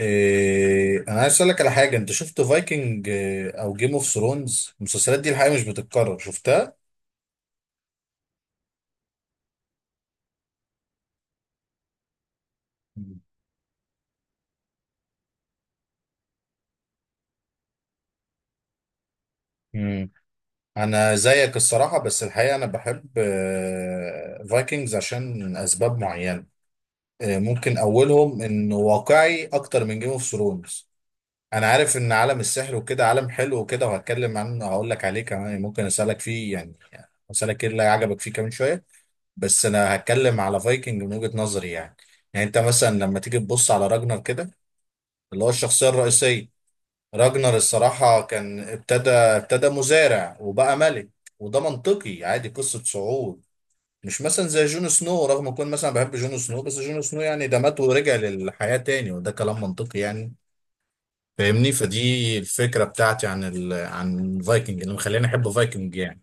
إيه انا عايز اسالك على حاجه، انت شفت فايكنج او جيم اوف ثرونز؟ المسلسلات دي الحقيقه مش بتتكرر، شفتها؟ امم انا زيك الصراحه، بس الحقيقه انا بحب فايكنجز عشان اسباب معينه. ممكن اولهم انه واقعي اكتر من جيم اوف ثرونز. انا عارف ان عالم السحر وكده عالم حلو وكده، وهتكلم عنه هقول لك عليه كمان، ممكن اسالك فيه يعني، اسالك ايه اللي عجبك فيه كمان شويه. بس انا هتكلم على فايكنج من وجهة نظري يعني. يعني انت مثلا لما تيجي تبص على راجنر كده، اللي هو الشخصية الرئيسية. راجنر الصراحة كان ابتدى مزارع وبقى ملك، وده منطقي عادي، قصة صعود. مش مثلا زي جون سنو، رغم كون مثلا بحب جون سنو، بس جون سنو يعني ده مات ورجع للحياة تاني، وده كلام منطقي يعني. فاهمني؟ فدي الفكرة بتاعتي عن عن فايكنج اللي مخليني احب فايكنج يعني.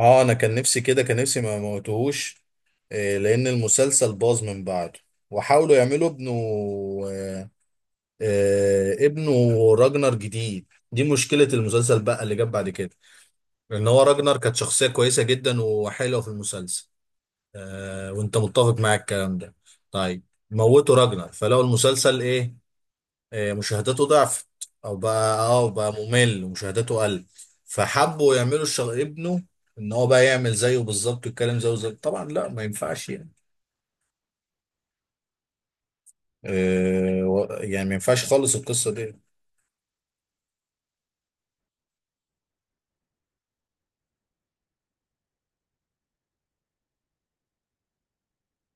اه، انا كان نفسي كده، كان نفسي ما موتوهوش. لأن المسلسل باظ من بعده، وحاولوا يعملوا ابنه آه، آه، ابنه راجنر جديد. دي مشكلة المسلسل بقى اللي جاب بعد كده، لأن هو راجنر كانت شخصية كويسة جدا وحلوة في المسلسل. وأنت متفق معاك الكلام ده. طيب، موتوا راجنر فلو المسلسل إيه؟ مشاهداته ضعفت، أو بقى ممل ومشاهداته قل. فحبوا يعملوا ابنه، ان هو بقى يعمل زيه بالظبط ويتكلم زيه زي طبعا، لا ما ينفعش يعني. يعني ما ينفعش خالص القصه دي.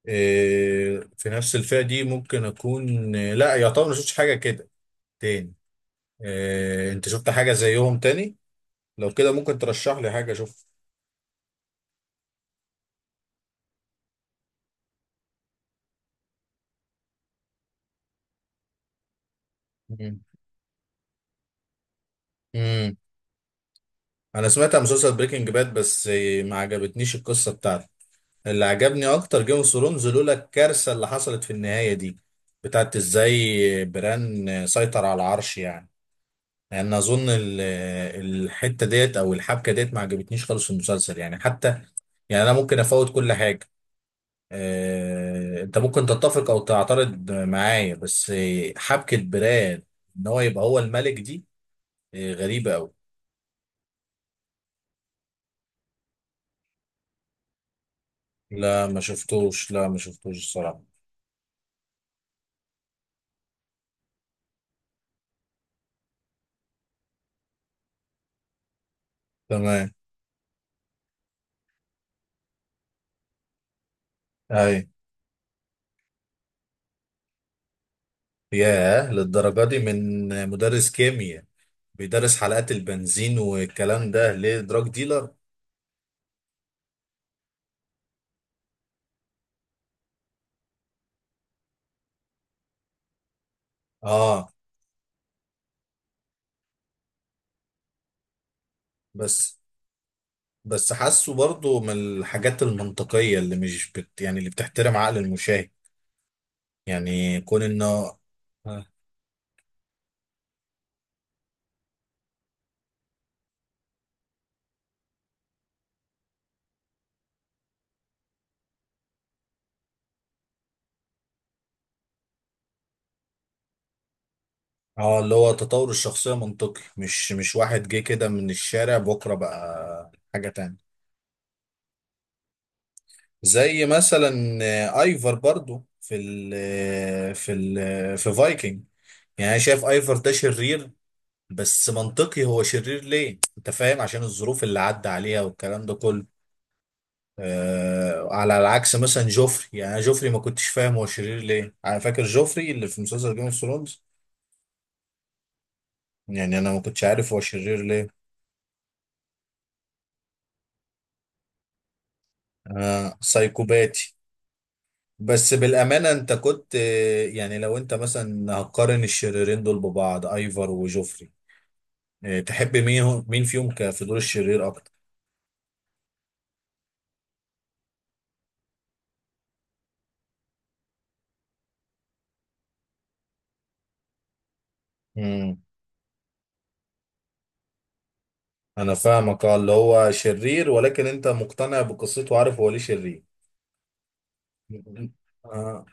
في نفس الفئه دي ممكن اكون، لا، يعتبر ما شفتش حاجه كده تاني. انت شفت حاجه زيهم تاني؟ لو كده ممكن ترشح لي حاجه اشوفها. مم. مم. انا سمعت عن مسلسل بريكنج باد، بس ما عجبتنيش القصه بتاعته. اللي عجبني اكتر جيم اوف ثرونز، لولا الكارثه اللي حصلت في النهايه دي، بتاعت ازاي بران سيطر على العرش يعني. لان اظن الحته ديت او الحبكه ديت ما عجبتنيش خالص في المسلسل يعني، حتى يعني انا ممكن افوت كل حاجه، انت ممكن تتفق او تعترض معايا، بس حبكه براد ان هو يبقى هو الملك دي غريبه قوي. لا، ما شفتوش، لا ما شفتوش الصراحه. تمام. اي. ياه، للدرجه دي؟ من مدرس كيمياء بيدرس حلقات البنزين والكلام ده ليه دراج ديلر؟ اه. بس بس حاسه برضه من الحاجات المنطقية اللي مش بت يعني اللي بتحترم عقل المشاهد، يعني كون انه. اه اللي هو تطور الشخصية منطقي، مش واحد جه كده من الشارع بكرة بقى حاجة تانية. زي مثلا ايفر برضو في فايكنج. يعني انا شايف ايفر ده شرير، بس منطقي. هو شرير ليه؟ انت فاهم، عشان الظروف اللي عدى عليها والكلام ده كله. على العكس مثلا جوفري، يعني أنا جوفري ما كنتش فاهم هو شرير ليه. انا فاكر جوفري اللي في مسلسل جيم اوف ثرونز، يعني انا ما كنتش عارف هو شرير ليه. آه، سايكوباتي. بس بالامانه انت كنت يعني لو انت مثلا هتقارن الشريرين دول ببعض، ايفر وجوفري، تحب مين، مين فيهم في دور الشرير اكتر؟ امم انا فاهمك، اه اللي هو شرير، ولكن انت مقتنع بقصته وعارف هو ليه شرير. آه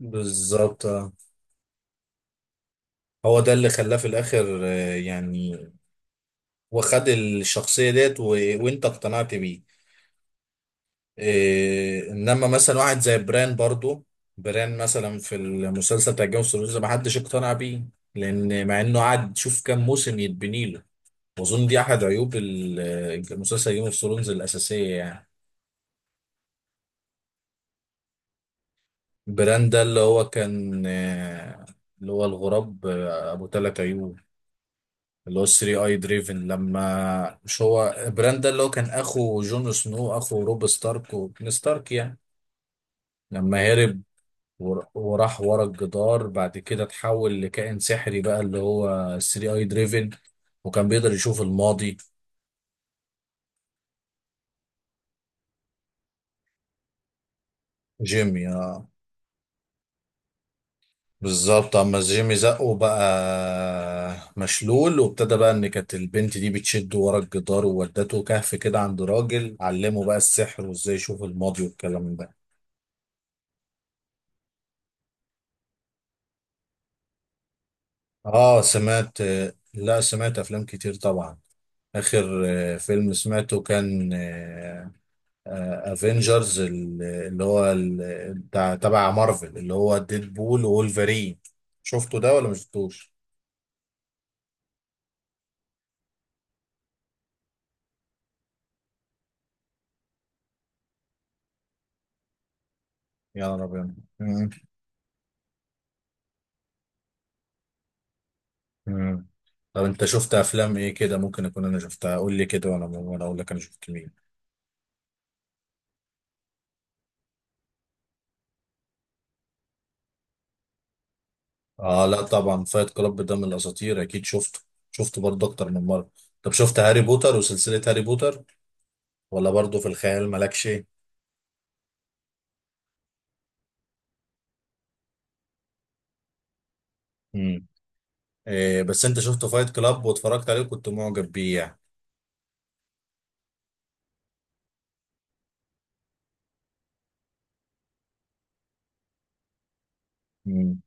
بالظبط. هو ده اللي خلاه في الاخر يعني، وخد الشخصيه ديت وانت اقتنعت بيه. انما مثلا واحد زي بران برضو، بران مثلا في المسلسل بتاع جيم اوف ثرونز ما حدش اقتنع بيه، لان مع انه قعد شوف كام موسم يتبني له. واظن دي احد عيوب المسلسل جيم اوف ثرونز الاساسيه يعني. بران ده اللي هو كان اللي هو الغراب ابو ثلاث عيوب، اللي هو 3 اي دريفن. لما مش هو براند ده اللي هو كان اخو جون سنو، اخو روب ستارك وكين ستارك يعني، لما هرب وراح ورا الجدار، بعد كده اتحول لكائن سحري بقى اللي هو 3 اي دريفن، وكان بيقدر يشوف الماضي. جيمي، اه بالظبط. اما جيمي زقه بقى مشلول، وابتدى بقى ان كانت البنت دي بتشده ورا الجدار، وودته كهف كده عند راجل علمه بقى السحر وازاي يشوف الماضي والكلام ده. اه سمعت. لا، سمعت افلام كتير طبعا. اخر فيلم سمعته كان افنجرز، اللي هو بتاع تبع مارفل، اللي هو ديدبول وولفرين. شفته ده ولا مشفتوش؟ يا نهار ابيض. مم. مم. طب انت شفت افلام ايه كده ممكن اكون انا شفتها؟ قول لي كده، وانا اقول لك انا شفت مين. اه، لا طبعا، فايت كلاب ده من الاساطير، اكيد شفته. شفته برضه اكتر من مره. طب، شفت هاري بوتر وسلسله هاري بوتر؟ ولا برضه في الخيال مالكش؟ مم. إيه، بس انت شفت فايت كلاب واتفرجت عليه وكنت معجب بيه يعني؟ مم.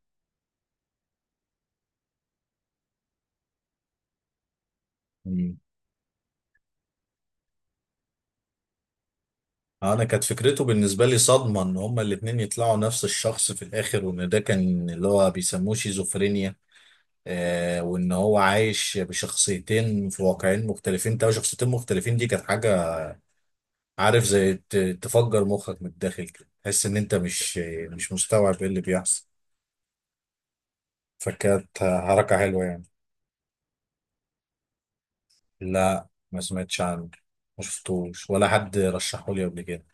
مم. انا كانت فكرته بالنسبه لي صدمه، ان هما الاتنين يطلعوا نفس الشخص في الاخر، وان ده كان اللي هو بيسموه شيزوفرينيا. وان هو عايش بشخصيتين في واقعين مختلفين، تلاقي شخصيتين مختلفين. دي كانت حاجه، عارف، زي تفجر مخك من الداخل كده، تحس ان انت مش مستوعب ايه اللي بيحصل. فكانت حركه حلوه يعني. لا، ما سمعتش عنه، ما شفتوش ولا حد رشحه لي قبل كده.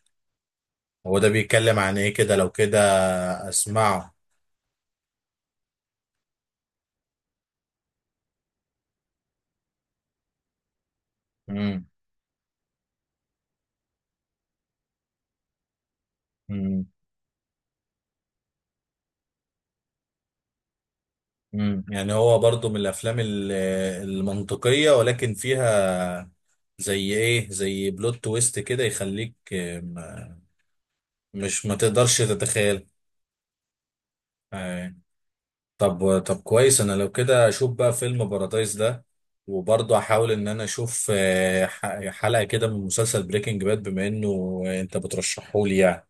هو ده بيتكلم عن ايه كده؟ لو كده اسمعه. امم امم يعني هو برضو من الافلام المنطقية ولكن فيها زي ايه، زي بلوت تويست كده، يخليك آه، ما- مش ما تقدرش تتخيل. آه، طب كويس، انا لو كده اشوف بقى فيلم بارادايس ده، وبرضه احاول ان انا اشوف حلقة كده من مسلسل بريكنج باد، بما انه انت بترشحه لي يعني.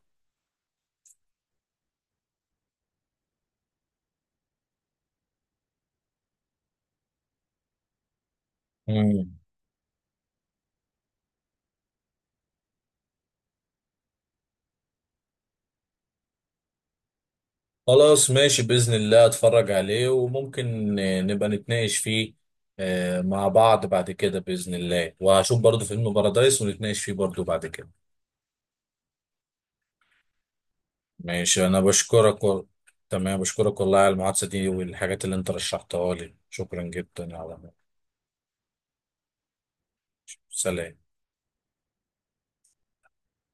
مم. خلاص ماشي، بإذن الله اتفرج عليه، وممكن نبقى نتناقش فيه مع بعض بعد كده بإذن الله، وهشوف برضو فيلم بارادايس ونتناقش فيه برضو بعد كده. ماشي، أنا بشكرك تمام، بشكرك والله على المحادثة دي والحاجات اللي أنت رشحتها لي، شكرا جدا على. سلام.